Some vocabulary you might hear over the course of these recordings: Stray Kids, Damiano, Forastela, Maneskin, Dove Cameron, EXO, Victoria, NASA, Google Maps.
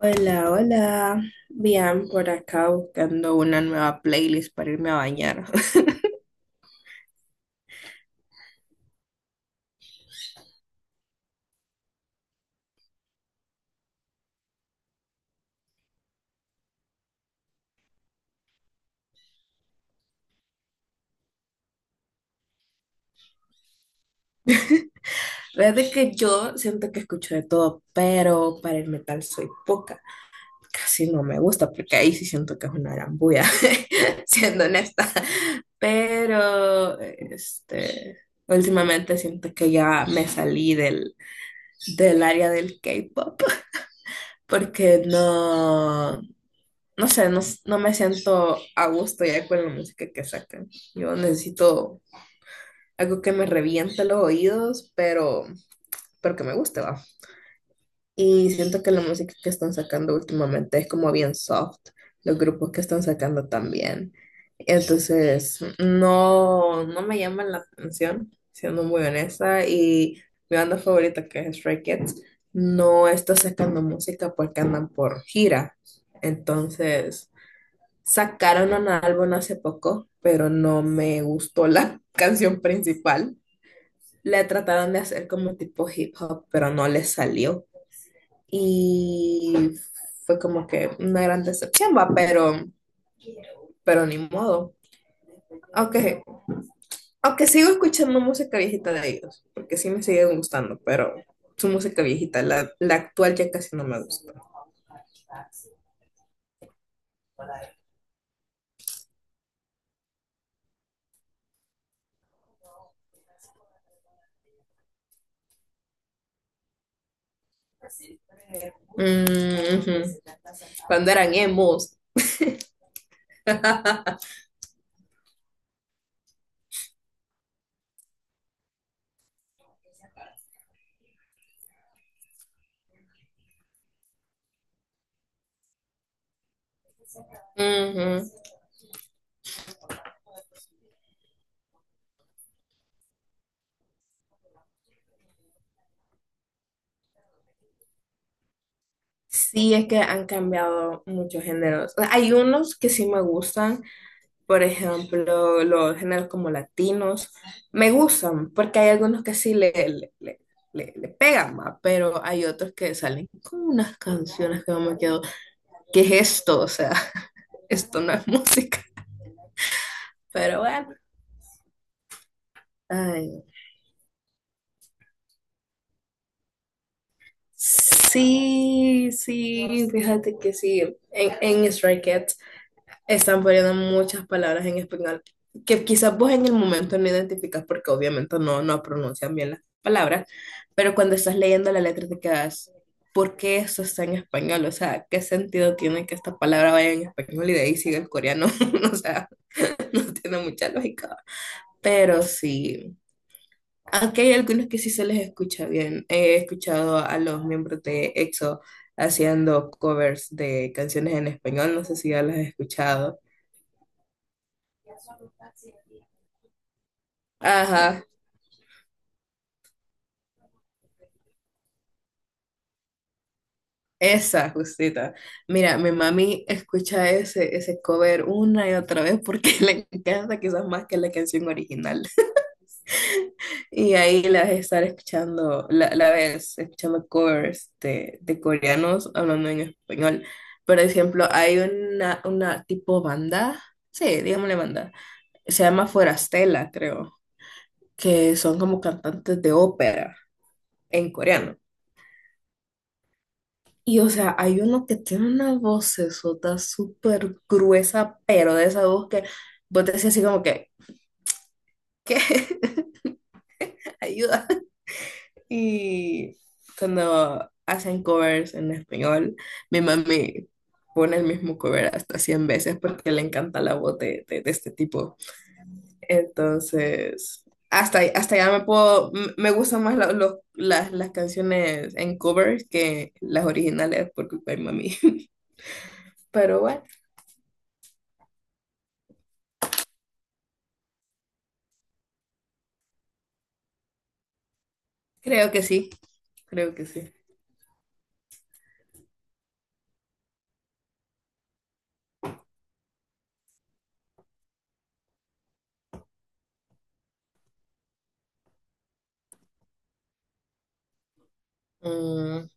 Hola, hola. Bien, por acá buscando una nueva playlist para irme a bañar. La verdad que yo siento que escucho de todo, pero para el metal soy poca. Casi no me gusta porque ahí sí siento que es una arambulla, siendo honesta. Pero, este, últimamente siento que ya me salí del área del K-pop porque no sé, no me siento a gusto ya con la música que sacan. Yo necesito algo que me reviente los oídos, pero que me guste, va. Y siento que la música que están sacando últimamente es como bien soft, los grupos que están sacando también. Entonces, no me llaman la atención, siendo muy honesta, y mi banda favorita que es Stray Kids no está sacando música porque andan por gira. Entonces, sacaron un álbum hace poco, pero no me gustó la canción principal. Le trataron de hacer como tipo hip hop, pero no les salió. Y fue como que una gran decepción, va, pero ni modo. Aunque, aunque sigo escuchando música viejita de ellos, porque sí me sigue gustando, pero su música viejita, la actual ya casi no me gusta. Mm, ujú. Cuando eran emos. Ujú. Sí, es que han cambiado muchos géneros. O sea, hay unos que sí me gustan, por ejemplo, los géneros como latinos, me gustan porque hay algunos que sí le pegan más, pero hay otros que salen con unas canciones que yo me quedo, ¿qué es esto? O sea, esto no es música, pero bueno. Ay, sí, fíjate que sí, en Stray Kids están poniendo muchas palabras en español que quizás vos en el momento no identificas porque obviamente no pronuncian bien las palabras, pero cuando estás leyendo la letra te quedas, ¿por qué eso está en español? O sea, ¿qué sentido tiene que esta palabra vaya en español y de ahí siga el coreano? O sea, no tiene mucha lógica. Pero sí, aunque hay algunos que sí se les escucha bien. He escuchado a los miembros de EXO haciendo covers de canciones en español, no sé si ya las has escuchado. Ajá, esa, justita. Mira, mi mami escucha ese cover una y otra vez porque le encanta quizás más que la canción original. Y ahí la ves estar escuchando, la ves escuchando covers de coreanos hablando en español. Por ejemplo, hay una tipo banda, sí, digámosle banda, se llama Forastela, creo, que son como cantantes de ópera en coreano. Y o sea, hay uno que tiene una vocesota súper gruesa, pero de esa voz que vos decís así como que, ¿qué? Ayuda. Y cuando hacen covers en español, mi mami pone el mismo cover hasta 100 veces porque le encanta la voz de este tipo. Entonces, hasta ya me puedo, me gustan más las canciones en covers que las originales por culpa de mami. Pero bueno, creo que sí. Creo que sí. Mm,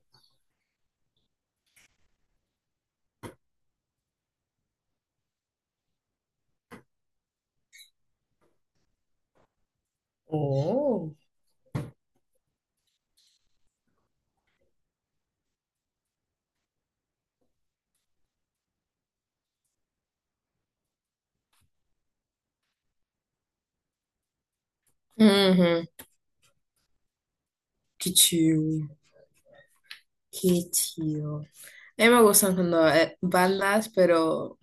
oh, ujú, qué chido, qué chido. A mí me gustan cuando bandas, pero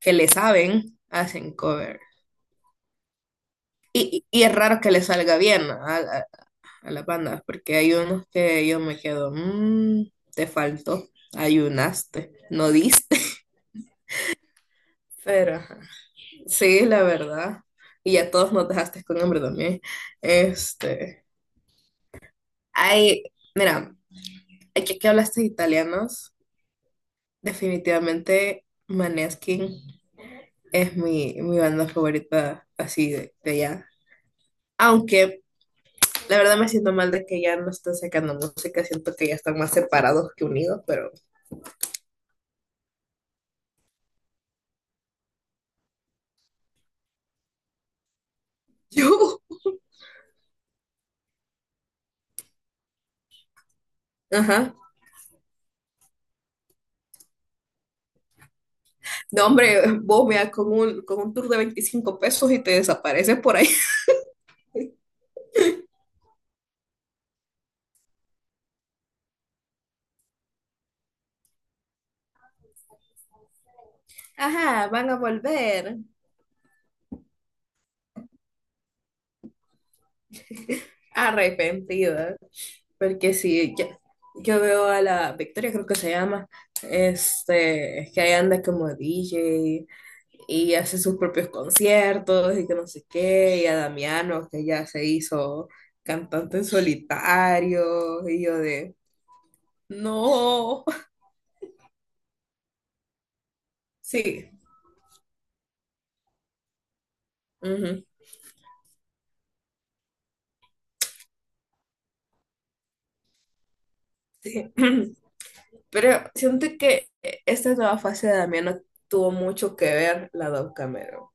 que le saben, hacen cover. Y es raro que le salga bien a las bandas, porque hay unos que yo me quedo, "Mm, te faltó, ayunaste, no diste". Pero ajá, sí, la verdad. Y a todos nos dejaste con hambre también. Este, hay, mira, aquí que hablaste de italianos. Definitivamente Maneskin es mi banda favorita así de allá. Aunque la verdad me siento mal de que ya no están sacando música, siento que ya están más separados que unidos, pero yo, ajá. No, hombre, vos veas con un tour de 25 pesos y te desapareces por ahí. Ajá, van a volver arrepentidos. Porque sí, yo veo a la Victoria, creo que se llama, este, que ahí anda como DJ y hace sus propios conciertos y que no sé qué, y a Damiano, que ya se hizo cantante en solitario, y yo de, no, sí, ujú, sí. Pero siento que esta nueva fase de Damiano tuvo mucho que ver la Dove Cameron,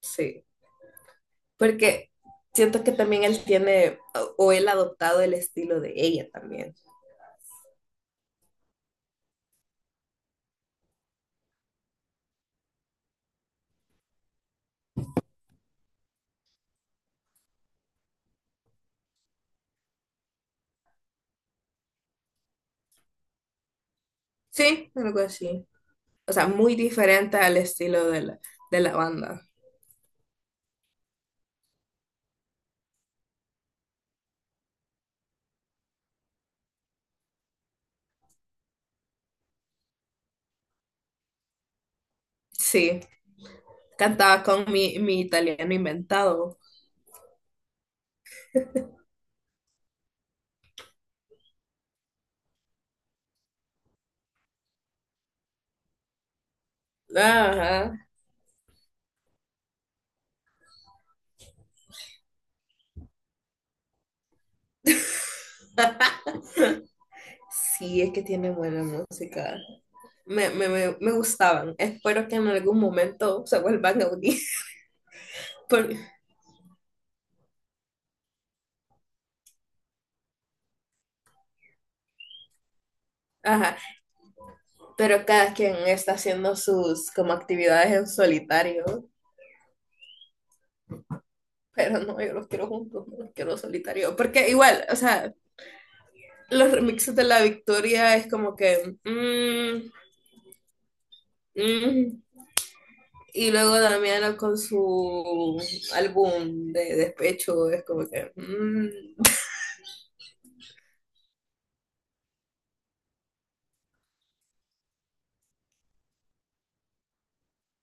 sí. Porque siento que también él tiene, o él ha adoptado el estilo de ella también. Sí, algo así. O sea, muy diferente al estilo de de la banda. Sí, cantaba con mi italiano inventado. Ajá. Sí, es que tiene buena música. Me gustaban. Espero que en algún momento se vuelvan a unir. Por- ajá. Pero cada quien está haciendo sus como actividades en solitario. Pero no, yo los quiero juntos, no los quiero solitario. Porque igual, o sea, los remixes de La Victoria es como que mm, mm. Y luego Damiana con su álbum de despecho es como que mm,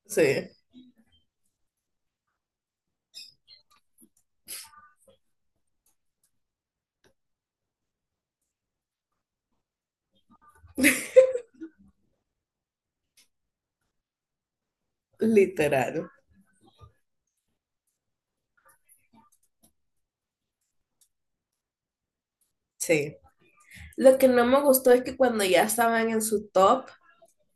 sí, literal. Sí. Lo que no me gustó es que cuando ya estaban en su top,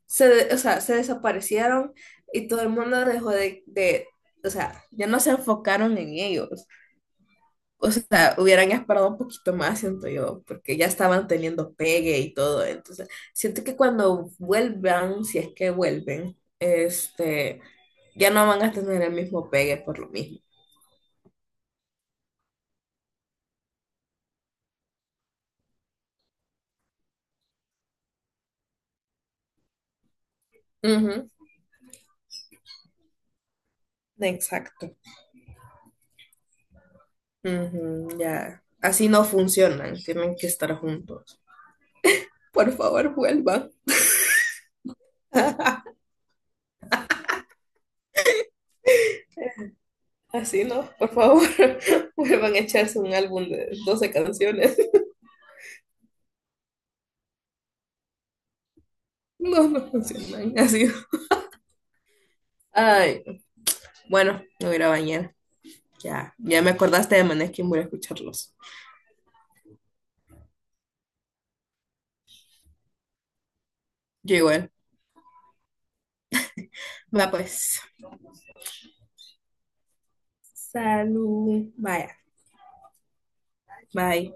se, o sea, se desaparecieron y todo el mundo dejó de. O sea, ya no se enfocaron en ellos. O sea, hubieran esperado un poquito más, siento yo, porque ya estaban teniendo pegue y todo. Entonces, siento que cuando vuelvan, si es que vuelven, este, ya no van a tener el mismo pegue por lo mismo. Ujú, exacto. Ujú, ya. Así no funcionan, tienen que estar juntos. Por favor, vuelvan. Así no, por favor, vuelvan a echarse un álbum de 12 canciones. No, no funcionan así. Ay, bueno, me voy a ir a bañar. Ya, ya me acordaste de Maneskin, voy a escucharlos. Yo igual. Va pues. Salud. Vaya. Bye.